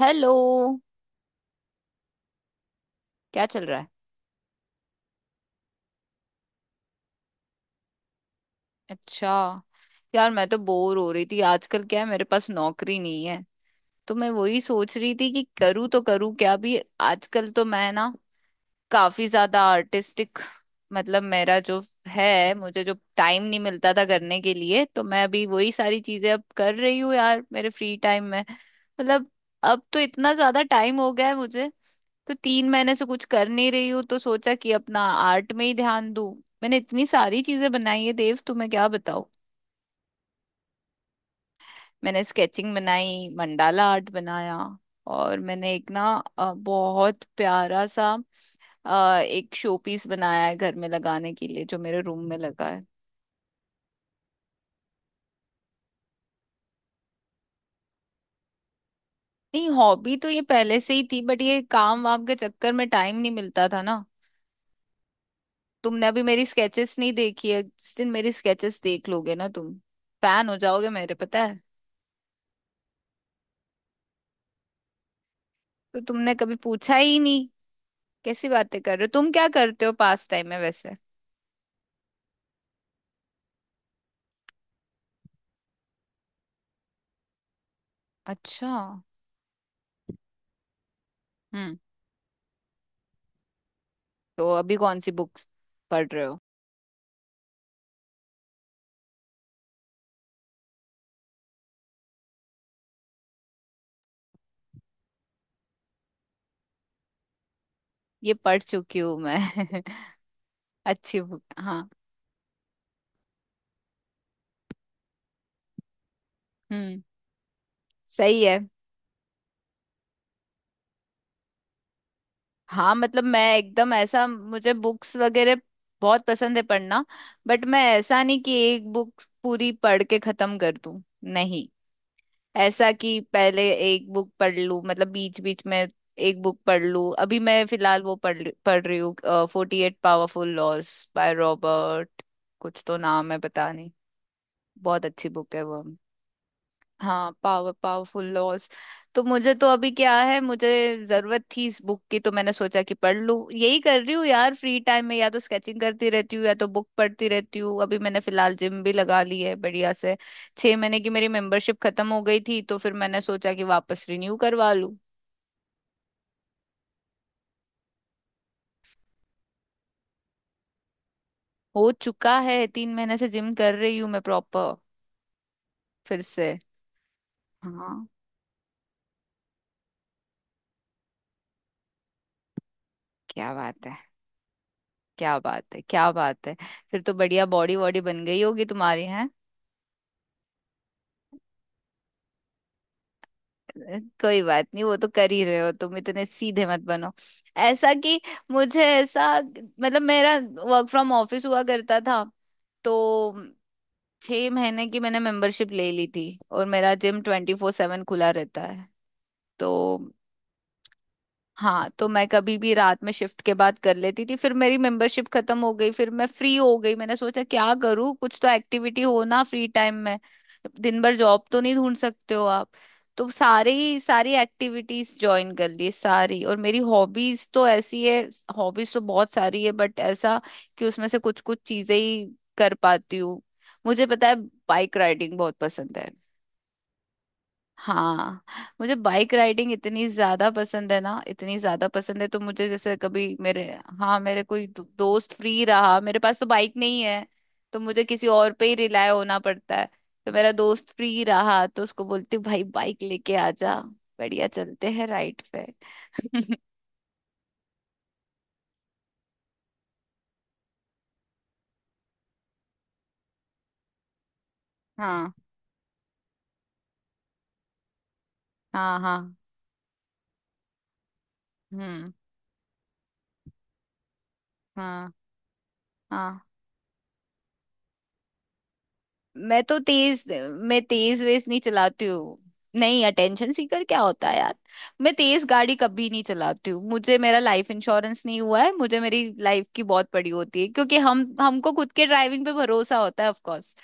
Hello. क्या चल रहा है? अच्छा। यार मैं तो बोर हो रही थी, आजकल क्या है, मेरे पास नौकरी नहीं है, तो मैं वही सोच रही थी कि करूँ तो करूँ क्या भी। आजकल तो मैं ना काफी ज्यादा आर्टिस्टिक, मतलब मेरा जो है, मुझे जो टाइम नहीं मिलता था करने के लिए तो मैं अभी वही सारी चीजें अब कर रही हूँ यार मेरे फ्री टाइम में। मतलब अब तो इतना ज्यादा टाइम हो गया है मुझे तो 3 महीने से कुछ कर नहीं रही हूँ तो सोचा कि अपना आर्ट में ही ध्यान दूं। मैंने इतनी सारी चीजें बनाई है देव, तुम्हें क्या बताऊं। मैंने स्केचिंग बनाई, मंडाला आर्ट बनाया और मैंने एक ना बहुत प्यारा सा एक शो पीस बनाया है घर में लगाने के लिए, जो मेरे रूम में लगा है। नहीं, हॉबी तो ये पहले से ही थी बट ये काम वाम के चक्कर में टाइम नहीं मिलता था ना। तुमने अभी मेरी स्केचेस नहीं देखी है, जिस दिन मेरी स्केचेस देख लोगे ना तुम, फैन हो जाओगे मेरे, पता है। तो तुमने कभी पूछा ही नहीं। कैसी बातें कर रहे हो, तुम क्या करते हो पास टाइम में वैसे? अच्छा। हम्म। तो अभी कौन सी बुक्स पढ़ रहे हो? ये पढ़ चुकी हूँ मैं। अच्छी बुक, हाँ। हम्म। सही है। हाँ, मतलब मैं एकदम ऐसा, मुझे बुक्स वगैरह बहुत पसंद है पढ़ना, बट मैं ऐसा नहीं कि एक बुक पूरी पढ़ के खत्म कर दूं। नहीं, ऐसा कि पहले एक बुक पढ़ लूं, मतलब बीच बीच में एक बुक पढ़ लूं। अभी मैं फिलहाल वो पढ़ रही हूँ 48 पावरफुल लॉज बाय रॉबर्ट, कुछ तो नाम है, पता नहीं। बहुत अच्छी बुक है वो। हाँ पावरफुल लॉज। तो मुझे तो अभी क्या है, मुझे जरूरत थी इस बुक की तो मैंने सोचा कि पढ़ लूँ, यही कर रही हूँ यार फ्री टाइम में, या तो स्केचिंग करती रहती हूँ या तो बुक पढ़ती रहती हूँ। अभी मैंने फिलहाल जिम भी लगा ली है बढ़िया से। 6 महीने की मेरी मेंबरशिप खत्म हो गई थी तो फिर मैंने सोचा कि वापस रिन्यू करवा लूँ। हो चुका है, 3 महीने से जिम कर रही हूँ मैं प्रॉपर। फिर से, हाँ। क्या बात है, क्या बात है, क्या बात है। फिर तो बढ़िया बॉडी वॉडी बन गई होगी तुम्हारी। कोई बात नहीं, वो तो कर ही रहे हो तुम, इतने सीधे मत बनो। ऐसा कि मुझे ऐसा, मतलब मेरा वर्क फ्रॉम ऑफिस हुआ करता था तो 6 महीने की मैंने मेंबरशिप ले ली थी, और मेरा जिम 24/7 खुला रहता है तो, हाँ, तो मैं कभी भी रात में शिफ्ट के बाद कर लेती थी। फिर मेरी मेंबरशिप खत्म हो गई, फिर मैं फ्री हो गई, मैंने सोचा क्या करूँ, कुछ तो एक्टिविटी हो ना फ्री टाइम में। दिन भर जॉब तो नहीं ढूंढ सकते हो आप, तो सारी सारी एक्टिविटीज ज्वाइन कर ली सारी। और मेरी हॉबीज तो ऐसी है, हॉबीज तो बहुत सारी है बट ऐसा कि उसमें से कुछ कुछ चीजें ही कर पाती हूँ। मुझे पता है, बाइक राइडिंग बहुत पसंद है। हाँ, मुझे बाइक राइडिंग इतनी ज्यादा पसंद है ना, इतनी ज्यादा पसंद है, तो मुझे जैसे कभी मेरे, हाँ मेरे कोई दोस्त फ्री रहा, मेरे पास तो बाइक नहीं है तो मुझे किसी और पे ही रिलाय होना पड़ता है। तो मेरा दोस्त फ्री रहा तो उसको बोलती हूँ, भाई बाइक लेके आ जा, बढ़िया चलते हैं राइड पे। हाँ हाँ हाँ। हम्म। हाँ। हाँ मैं तो तेज मैं तेज वेज नहीं चलाती हूँ। नहीं, अटेंशन सीकर क्या होता है यार। मैं तेज गाड़ी कभी नहीं चलाती हूँ, मुझे मेरा लाइफ इंश्योरेंस नहीं हुआ है, मुझे मेरी लाइफ की बहुत पड़ी होती है क्योंकि हम हमको खुद के ड्राइविंग पे भरोसा होता है ऑफ कोर्स,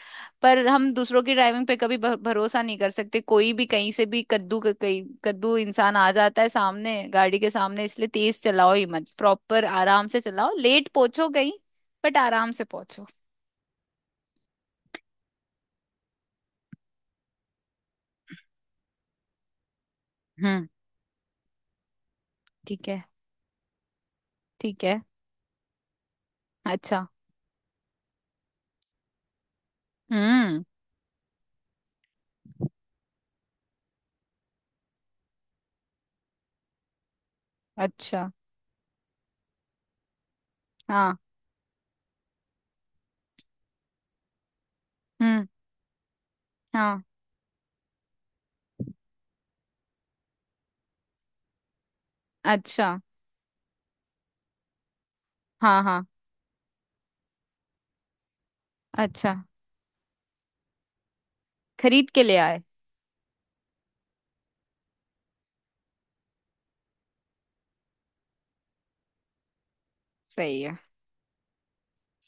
पर हम दूसरों की ड्राइविंग पे कभी भरोसा नहीं कर सकते। कोई भी कहीं से भी कद्दू का कहीं कद्दू इंसान आ जाता है सामने गाड़ी के सामने, इसलिए तेज चलाओ ही मत, प्रॉपर आराम से चलाओ, लेट पहुंचो कहीं बट आराम से पहुंचो। हम्म। ठीक है, ठीक है। अच्छा। हम्म। अच्छा। हाँ। हम्म। हाँ। अच्छा। हाँ हाँ। अच्छा, खरीद के ले आए? सही है,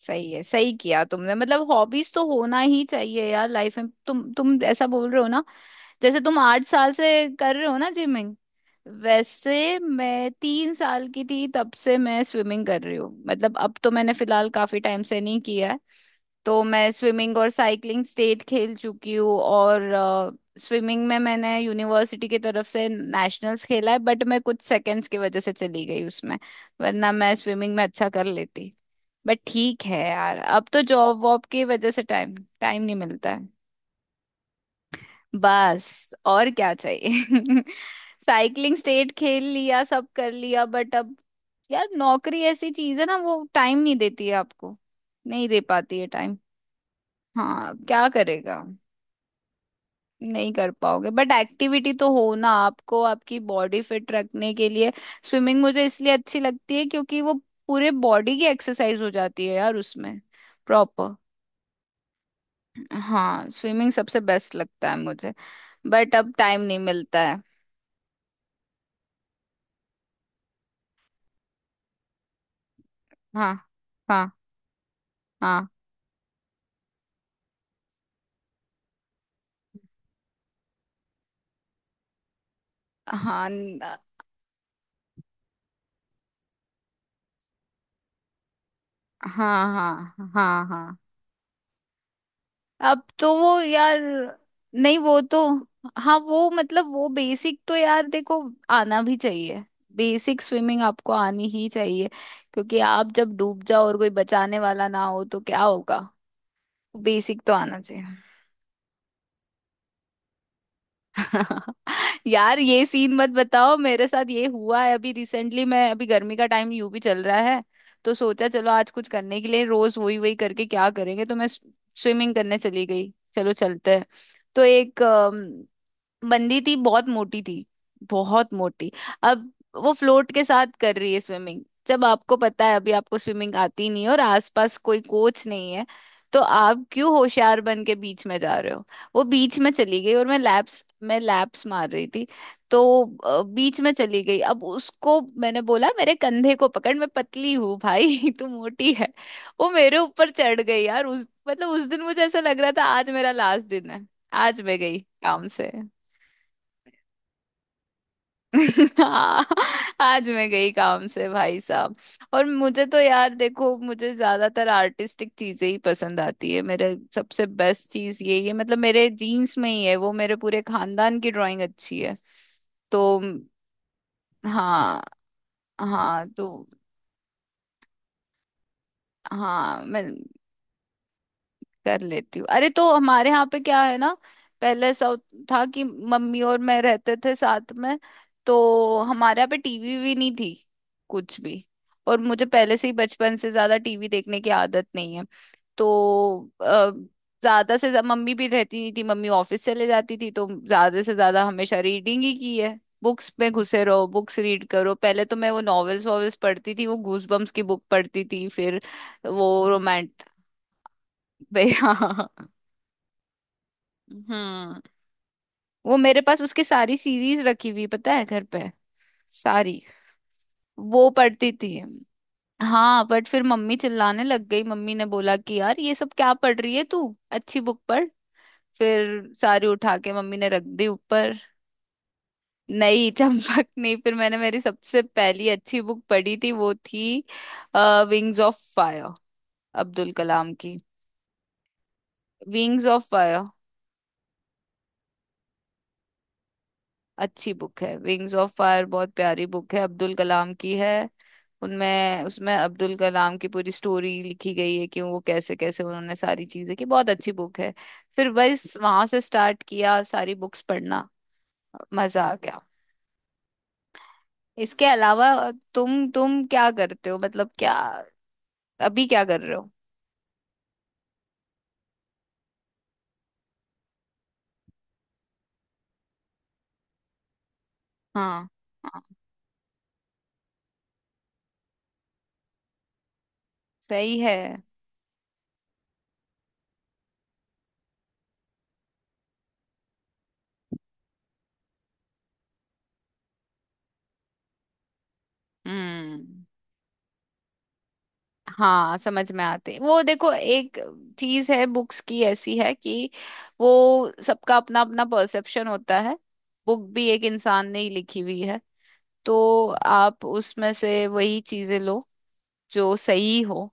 सही है। सही किया तुमने, मतलब हॉबीज तो होना ही चाहिए यार लाइफ में। तुम ऐसा बोल रहे हो ना, जैसे तुम 8 साल से कर रहे हो ना जिमिंग, वैसे मैं 3 साल की थी तब से मैं स्विमिंग कर रही हूँ। मतलब अब तो मैंने फिलहाल काफी टाइम से नहीं किया है। तो मैं स्विमिंग और साइकिलिंग स्टेट खेल चुकी हूँ, और स्विमिंग में मैंने यूनिवर्सिटी की तरफ से नेशनल्स खेला है बट मैं कुछ सेकंड्स की वजह से चली गई उसमें, वरना मैं स्विमिंग में अच्छा कर लेती। बट ठीक है यार, अब तो जॉब वॉब की वजह से टाइम, टाइम नहीं मिलता है। बस और क्या चाहिए। साइकिलिंग स्टेट खेल लिया, सब कर लिया बट अब यार नौकरी ऐसी चीज है ना, वो टाइम नहीं देती है आपको, नहीं दे पाती है टाइम। हाँ, क्या करेगा। नहीं कर पाओगे, बट एक्टिविटी तो हो ना आपको आपकी बॉडी फिट रखने के लिए। स्विमिंग मुझे इसलिए अच्छी लगती है क्योंकि वो पूरे बॉडी की एक्सरसाइज हो जाती है यार उसमें, प्रॉपर। हाँ स्विमिंग सबसे बेस्ट लगता है मुझे। बट अब टाइम नहीं मिलता है। हाँ हाँ हाँ हाँ। हाँ हाँ हाँ हाँ। अब तो वो यार, नहीं वो तो, हाँ वो मतलब वो बेसिक तो यार देखो, आना भी चाहिए, बेसिक स्विमिंग आपको आनी ही चाहिए। क्योंकि आप जब डूब जाओ और कोई बचाने वाला ना हो तो क्या होगा, बेसिक तो आना चाहिए। यार ये सीन मत बताओ, मेरे साथ ये हुआ है अभी रिसेंटली। मैं अभी, गर्मी का टाइम यूं भी चल रहा है तो सोचा चलो आज कुछ करने के लिए, रोज वही वही करके क्या करेंगे, तो मैं स्विमिंग करने चली गई। चलो चलते हैं, तो एक बंदी थी, बहुत मोटी थी, बहुत मोटी। अब वो फ्लोट के साथ कर रही है स्विमिंग। जब आपको पता है अभी आपको स्विमिंग आती नहीं है और आसपास कोई कोच नहीं है, तो आप क्यों होशियार बन के बीच में जा रहे हो। वो बीच में चली गई और मैं लैप्स मार रही थी तो बीच में चली गई। अब उसको मैंने बोला मेरे कंधे को पकड़, मैं पतली हूँ भाई तू मोटी है। वो मेरे ऊपर चढ़ गई यार, उस दिन मुझे ऐसा लग रहा था आज मेरा लास्ट दिन है, आज मैं गई काम से। हाँ, आज मैं गई काम से भाई साहब। और मुझे तो यार देखो, मुझे ज्यादातर आर्टिस्टिक चीजें ही पसंद आती है, मेरे सबसे बेस्ट चीज यही है, मतलब मेरे जीन्स में ही है वो, मेरे पूरे खानदान की ड्राइंग अच्छी है तो। हाँ हाँ। तो हाँ, मैं कर लेती हूँ। अरे, तो हमारे यहाँ पे क्या है ना, पहले ऐसा था कि मम्मी और मैं रहते थे साथ में, तो हमारे यहाँ पे टीवी भी नहीं थी, कुछ भी। और मुझे पहले से ही बचपन से ज्यादा टीवी देखने की आदत नहीं है तो ज्यादा से ज्यादा मम्मी भी रहती नहीं थी, मम्मी ऑफिस चले जाती थी, तो ज्यादा से ज्यादा हमेशा रीडिंग ही की है, बुक्स में घुसे रहो, बुक्स रीड करो। पहले तो मैं वो नॉवेल्स वॉवेल्स पढ़ती थी, वो गूजबम्स की बुक पढ़ती थी, फिर वो रोमांट हाँ। हम्म। वो मेरे पास उसकी सारी सीरीज रखी हुई, पता है, घर पे सारी वो पढ़ती थी। हाँ, बट फिर मम्मी चिल्लाने लग गई, मम्मी ने बोला कि यार ये सब क्या पढ़ रही है तू, अच्छी बुक पढ़, फिर सारी उठा के मम्मी ने रख दी ऊपर। नहीं चंपक नहीं, फिर मैंने मेरी सबसे पहली अच्छी बुक पढ़ी थी वो थी Wings of Fire, Abdul Kalam की। Wings of Fire. अच्छी बुक है विंग्स ऑफ फायर, बहुत प्यारी बुक है, अब्दुल कलाम की है। उनमें उसमें अब्दुल कलाम की पूरी स्टोरी लिखी गई है कि वो कैसे कैसे उन्होंने सारी चीजें की, बहुत अच्छी बुक है। फिर बस वहां से स्टार्ट किया सारी बुक्स पढ़ना, मजा आ गया। इसके अलावा तुम क्या करते हो, मतलब क्या अभी क्या कर रहे हो? हाँ हाँ। सही है। हम्म। हाँ समझ में आते हैं। वो देखो, एक चीज है बुक्स की ऐसी है कि वो सबका अपना अपना परसेप्शन होता है, बुक भी एक इंसान ने ही लिखी हुई है, तो आप उसमें से वही चीजें लो जो सही हो,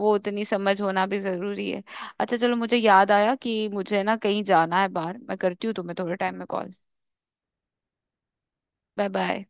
वो उतनी समझ होना भी जरूरी है। अच्छा चलो, मुझे याद आया कि मुझे ना कहीं जाना है बाहर, मैं करती हूँ तुम्हें थोड़े टाइम में कॉल। Bye bye.